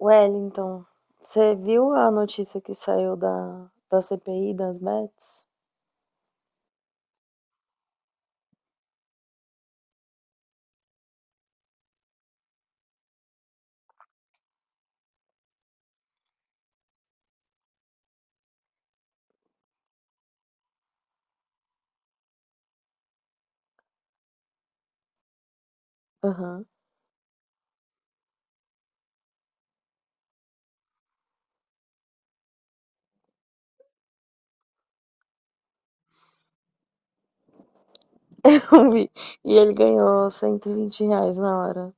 Wellington, você viu a notícia que saiu da CPI das Bets? Aham. Eu vi. E ele ganhou R$ 120 na hora.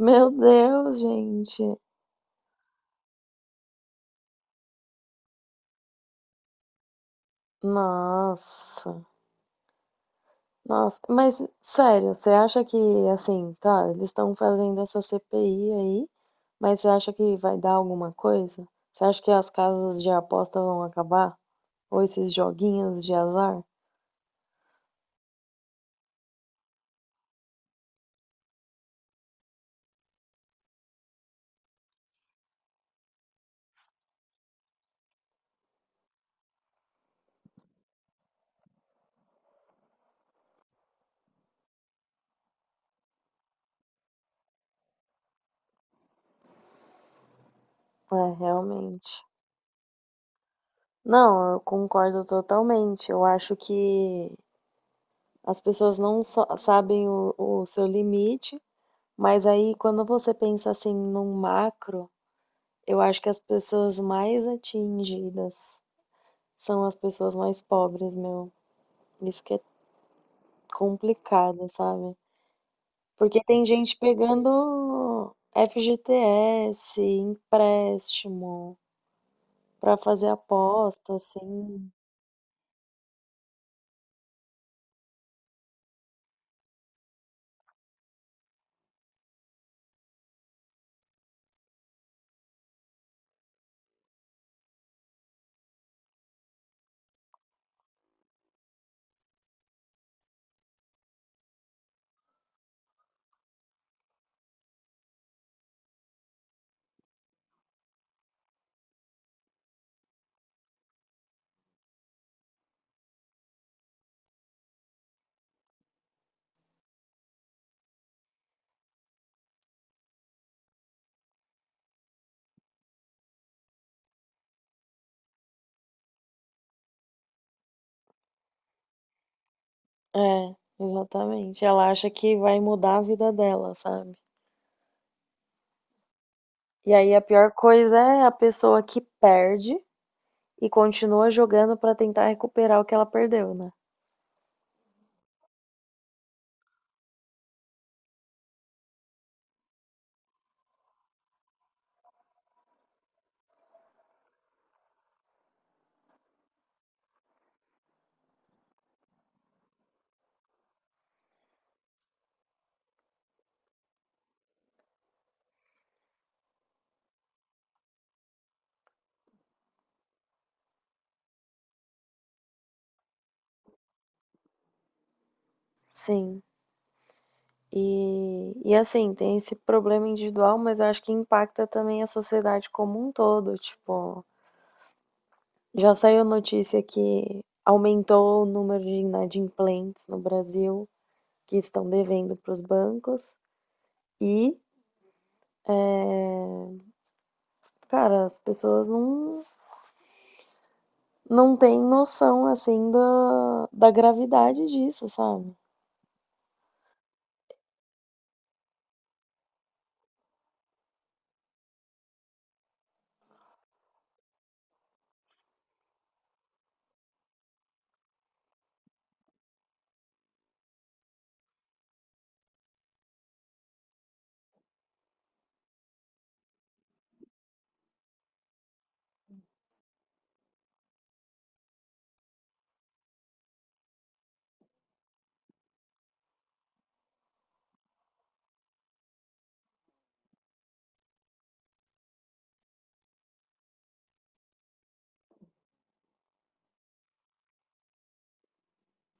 Meu Deus, gente. Nossa. Nossa, mas sério, você acha que, assim, tá, eles estão fazendo essa CPI aí, mas você acha que vai dar alguma coisa? Você acha que as casas de aposta vão acabar? Ou esses joguinhos de azar? É, realmente. Não, eu concordo totalmente. Eu acho que as pessoas não só sabem o seu limite, mas aí quando você pensa assim num macro, eu acho que as pessoas mais atingidas são as pessoas mais pobres, meu. Isso que é complicado, sabe? Porque tem gente pegando FGTS, empréstimo, pra fazer aposta, assim. É, exatamente. Ela acha que vai mudar a vida dela, sabe? E aí a pior coisa é a pessoa que perde e continua jogando pra tentar recuperar o que ela perdeu, né? Sim. E assim, tem esse problema individual, mas eu acho que impacta também a sociedade como um todo, tipo. Já saiu notícia que aumentou o número de inadimplentes no Brasil que estão devendo para os bancos e, cara, as pessoas não, não têm noção assim da gravidade disso, sabe?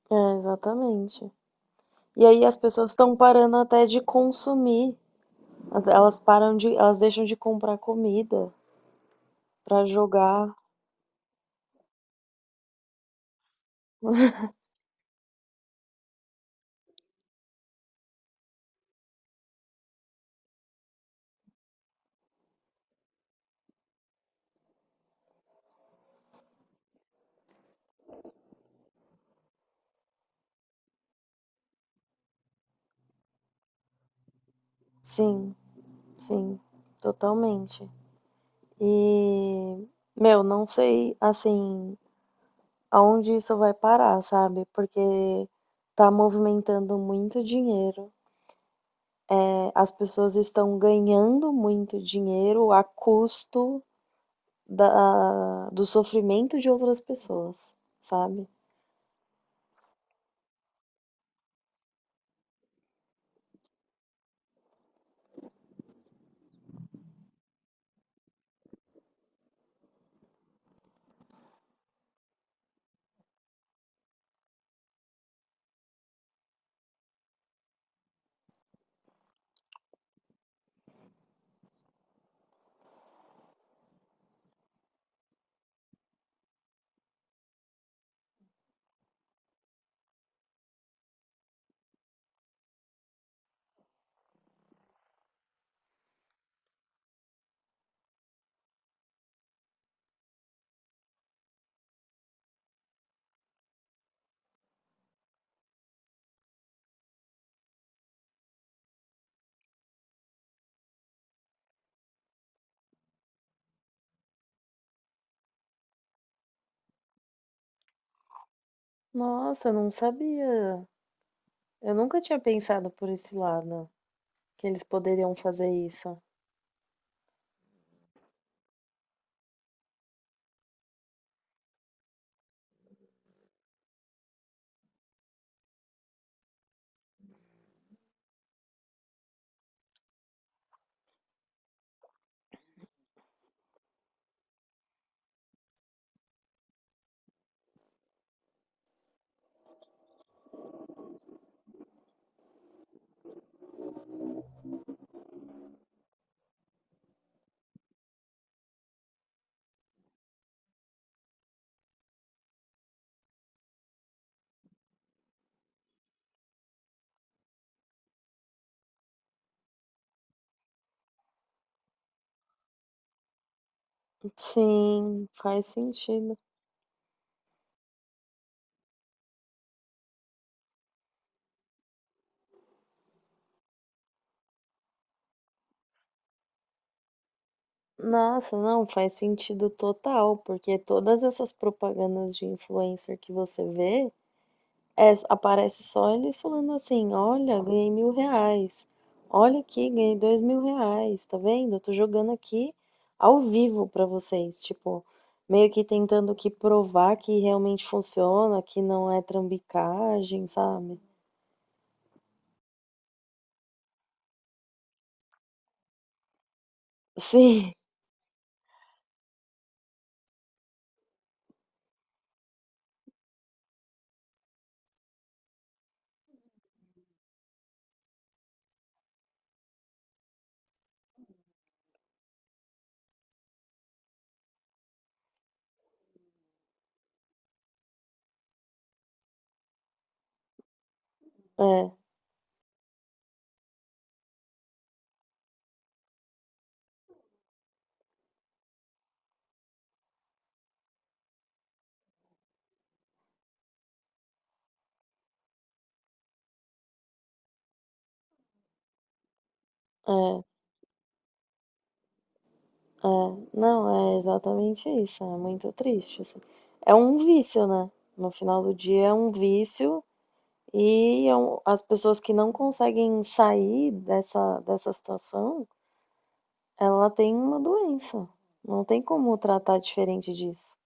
É, exatamente. E aí as pessoas estão parando até de consumir. As- Elas param de, elas deixam de comprar comida para jogar. Sim, sim, totalmente. E, meu, não sei, assim, aonde isso vai parar, sabe? Porque está movimentando muito dinheiro. Né? As pessoas estão ganhando muito dinheiro a custo da, do sofrimento de outras pessoas, sabe? Nossa, eu não sabia. Eu nunca tinha pensado por esse lado, que eles poderiam fazer isso. Sim, faz sentido. Nossa, não, faz sentido total, porque todas essas propagandas de influencer que você vê, é, aparece só eles falando assim, olha, ganhei R$ 1.000. Olha aqui, ganhei R$ 2.000, tá vendo? Eu tô jogando aqui ao vivo pra vocês, tipo, meio que tentando que provar que realmente funciona, que não é trambicagem, sabe? Sim, é, é, é. Não, é exatamente isso. É muito triste, assim. É um vício, né? No final do dia é um vício. E é um- as pessoas que não conseguem sair dessa situação, ela tem uma doença. Não tem como tratar diferente disso.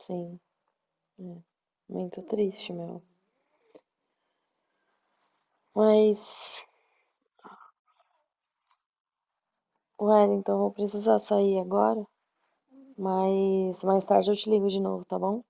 Sim, é muito triste, meu. Mas, Wellington, eu vou precisar sair agora. Mas mais tarde eu te ligo de novo, tá bom?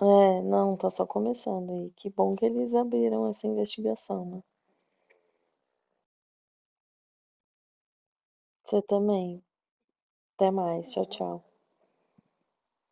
É, não, tá só começando. E que bom que eles abriram essa investigação, né? Você também. Até mais. Tchau, tchau.